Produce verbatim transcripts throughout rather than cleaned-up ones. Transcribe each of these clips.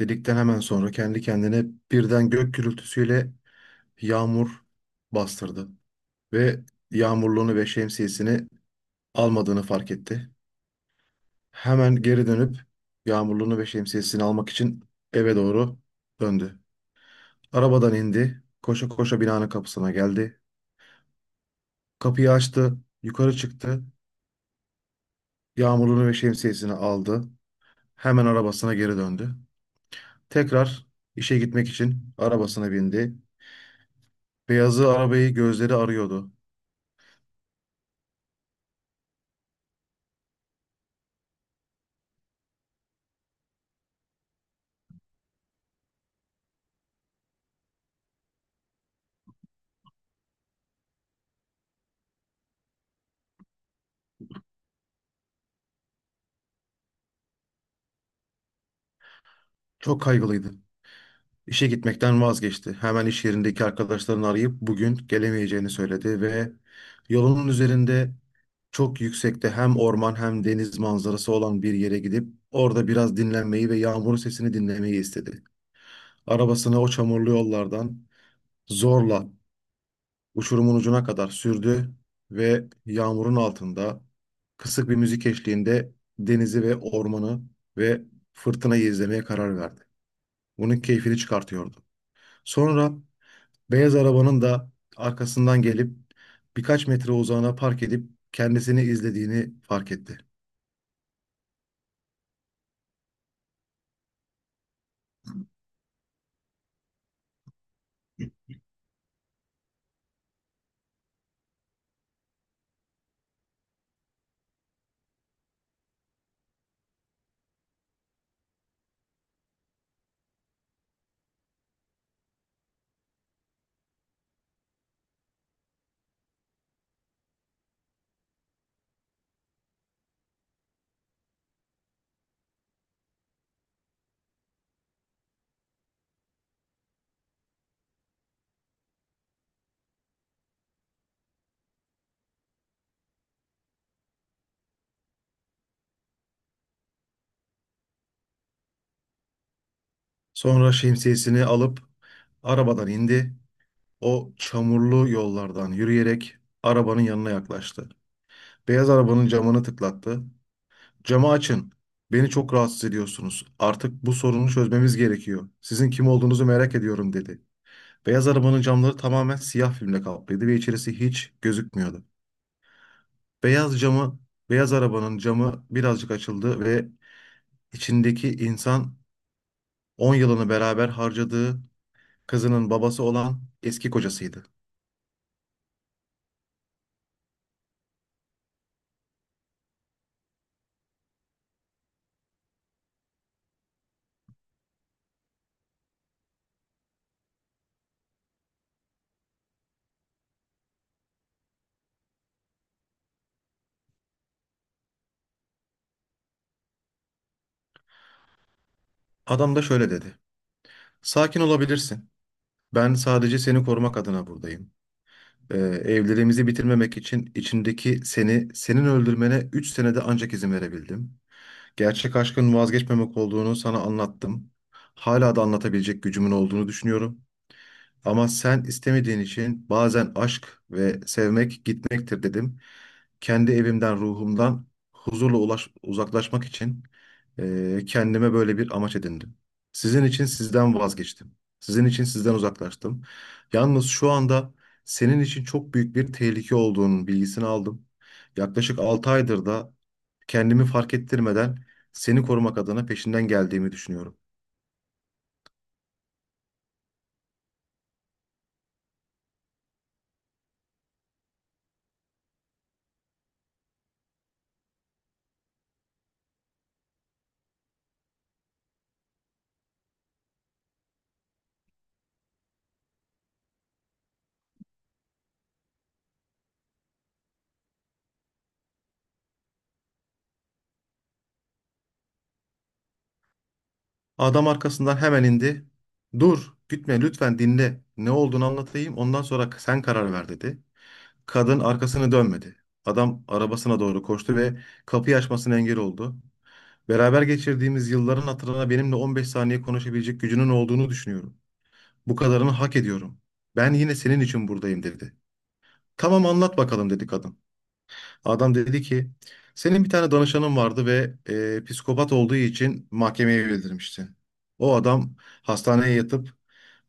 Dedikten hemen sonra kendi kendine birden gök gürültüsüyle yağmur bastırdı ve yağmurluğunu ve şemsiyesini almadığını fark etti. Hemen geri dönüp yağmurluğunu ve şemsiyesini almak için eve doğru döndü. Arabadan indi, koşa koşa binanın kapısına geldi. Kapıyı açtı, yukarı çıktı, yağmurluğunu ve şemsiyesini aldı. Hemen arabasına geri döndü. Tekrar işe gitmek için arabasına bindi. Beyazı arabayı gözleri arıyordu. Çok kaygılıydı. İşe gitmekten vazgeçti. Hemen iş yerindeki arkadaşlarını arayıp bugün gelemeyeceğini söyledi ve yolunun üzerinde çok yüksekte hem orman hem deniz manzarası olan bir yere gidip orada biraz dinlenmeyi ve yağmurun sesini dinlemeyi istedi. Arabasını o çamurlu yollardan zorla uçurumun ucuna kadar sürdü ve yağmurun altında kısık bir müzik eşliğinde denizi ve ormanı ve fırtınayı izlemeye karar verdi. Bunun keyfini çıkartıyordu. Sonra beyaz arabanın da arkasından gelip birkaç metre uzağına park edip kendisini izlediğini fark etti. Sonra şemsiyesini alıp arabadan indi. O çamurlu yollardan yürüyerek arabanın yanına yaklaştı. Beyaz arabanın camını tıklattı. Camı açın. Beni çok rahatsız ediyorsunuz. Artık bu sorunu çözmemiz gerekiyor. Sizin kim olduğunuzu merak ediyorum dedi. Beyaz arabanın camları tamamen siyah filmle kaplıydı ve içerisi hiç gözükmüyordu. Beyaz camı, beyaz arabanın camı birazcık açıldı ve içindeki insan on yılını beraber harcadığı kızının babası olan eski kocasıydı. Adam da şöyle dedi. Sakin olabilirsin. Ben sadece seni korumak adına buradayım. Ee, evliliğimizi bitirmemek için içindeki seni, senin öldürmene üç senede ancak izin verebildim. Gerçek aşkın vazgeçmemek olduğunu sana anlattım. Hala da anlatabilecek gücümün olduğunu düşünüyorum. Ama sen istemediğin için bazen aşk ve sevmek gitmektir dedim. Kendi evimden, ruhumdan huzurla ulaş, uzaklaşmak için e, kendime böyle bir amaç edindim. Sizin için sizden vazgeçtim. Sizin için sizden uzaklaştım. Yalnız şu anda senin için çok büyük bir tehlike olduğunun bilgisini aldım. Yaklaşık altı aydır da kendimi fark ettirmeden seni korumak adına peşinden geldiğimi düşünüyorum. Adam arkasından hemen indi. Dur, gitme lütfen dinle. Ne olduğunu anlatayım. Ondan sonra sen karar ver dedi. Kadın arkasını dönmedi. Adam arabasına doğru koştu ve kapıyı açmasına engel oldu. Beraber geçirdiğimiz yılların hatırına benimle on beş saniye konuşabilecek gücünün olduğunu düşünüyorum. Bu kadarını hak ediyorum. Ben yine senin için buradayım dedi. Tamam anlat bakalım dedi kadın. Adam dedi ki senin bir tane danışanın vardı ve e, psikopat olduğu için mahkemeye bildirmişti. O adam hastaneye yatıp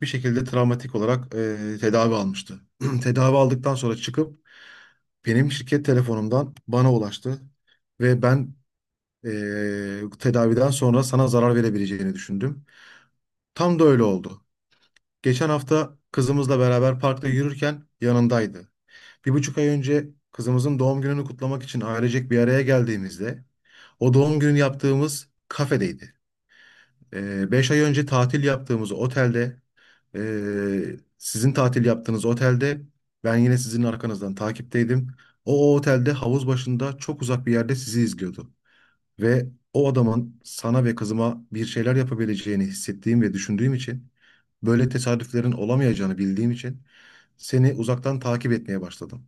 bir şekilde travmatik olarak e, tedavi almıştı. Tedavi aldıktan sonra çıkıp benim şirket telefonumdan bana ulaştı ve ben e, tedaviden sonra sana zarar verebileceğini düşündüm. Tam da öyle oldu. Geçen hafta kızımızla beraber parkta yürürken yanındaydı. Bir buçuk ay önce kızımızın doğum gününü kutlamak için ailecek bir araya geldiğimizde o doğum günü yaptığımız kafedeydi. Ee, beş ay önce tatil yaptığımız otelde, ee, sizin tatil yaptığınız otelde ben yine sizin arkanızdan takipteydim. O, o otelde havuz başında çok uzak bir yerde sizi izliyordu. Ve o adamın sana ve kızıma bir şeyler yapabileceğini hissettiğim ve düşündüğüm için, böyle tesadüflerin olamayacağını bildiğim için seni uzaktan takip etmeye başladım.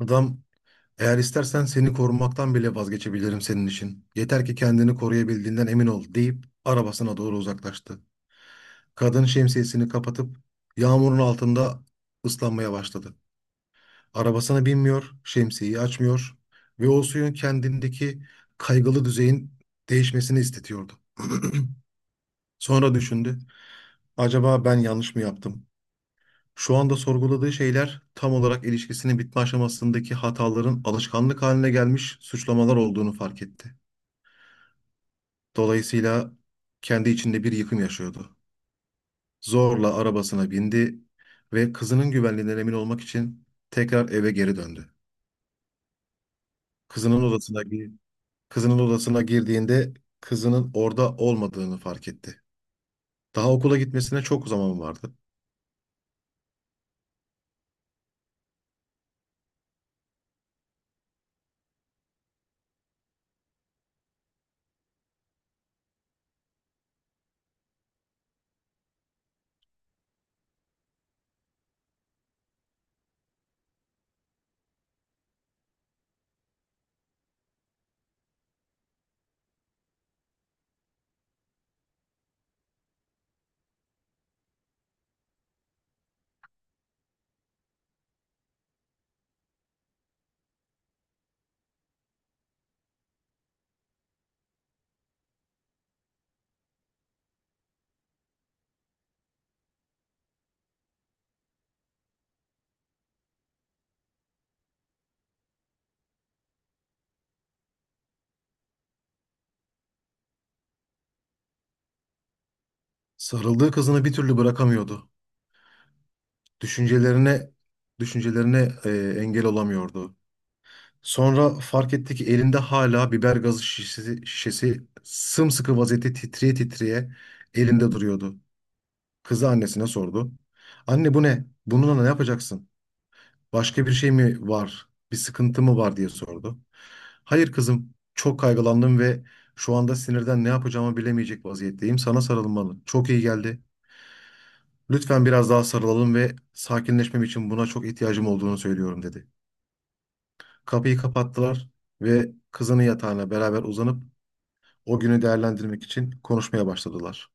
Adam: Eğer istersen seni korumaktan bile vazgeçebilirim senin için. Yeter ki kendini koruyabildiğinden emin ol deyip arabasına doğru uzaklaştı. Kadın şemsiyesini kapatıp yağmurun altında ıslanmaya başladı. Arabasına binmiyor, şemsiyeyi açmıyor ve o suyun kendindeki kaygılı düzeyin değişmesini istetiyordu. Sonra düşündü. Acaba ben yanlış mı yaptım? Şu anda sorguladığı şeyler tam olarak ilişkisinin bitme aşamasındaki hataların alışkanlık haline gelmiş suçlamalar olduğunu fark etti. Dolayısıyla kendi içinde bir yıkım yaşıyordu. Zorla arabasına bindi ve kızının güvenliğinden emin olmak için tekrar eve geri döndü. Kızının odasına gi- kızının odasına girdiğinde kızının orada olmadığını fark etti. Daha okula gitmesine çok zaman vardı. Sarıldığı kızını bir türlü bırakamıyordu. Düşüncelerine düşüncelerine e, engel olamıyordu. Sonra fark etti ki elinde hala biber gazı şişesi, şişesi sımsıkı vaziyette titreye titreye elinde duruyordu. Kızı annesine sordu. Anne bu ne? Bununla ne yapacaksın? Başka bir şey mi var? Bir sıkıntı mı var diye sordu. Hayır kızım, çok kaygılandım ve şu anda sinirden ne yapacağımı bilemeyecek vaziyetteyim. Sana sarılmalı. Çok iyi geldi. Lütfen biraz daha sarılalım ve sakinleşmem için buna çok ihtiyacım olduğunu söylüyorum dedi. Kapıyı kapattılar ve kızının yatağına beraber uzanıp o günü değerlendirmek için konuşmaya başladılar.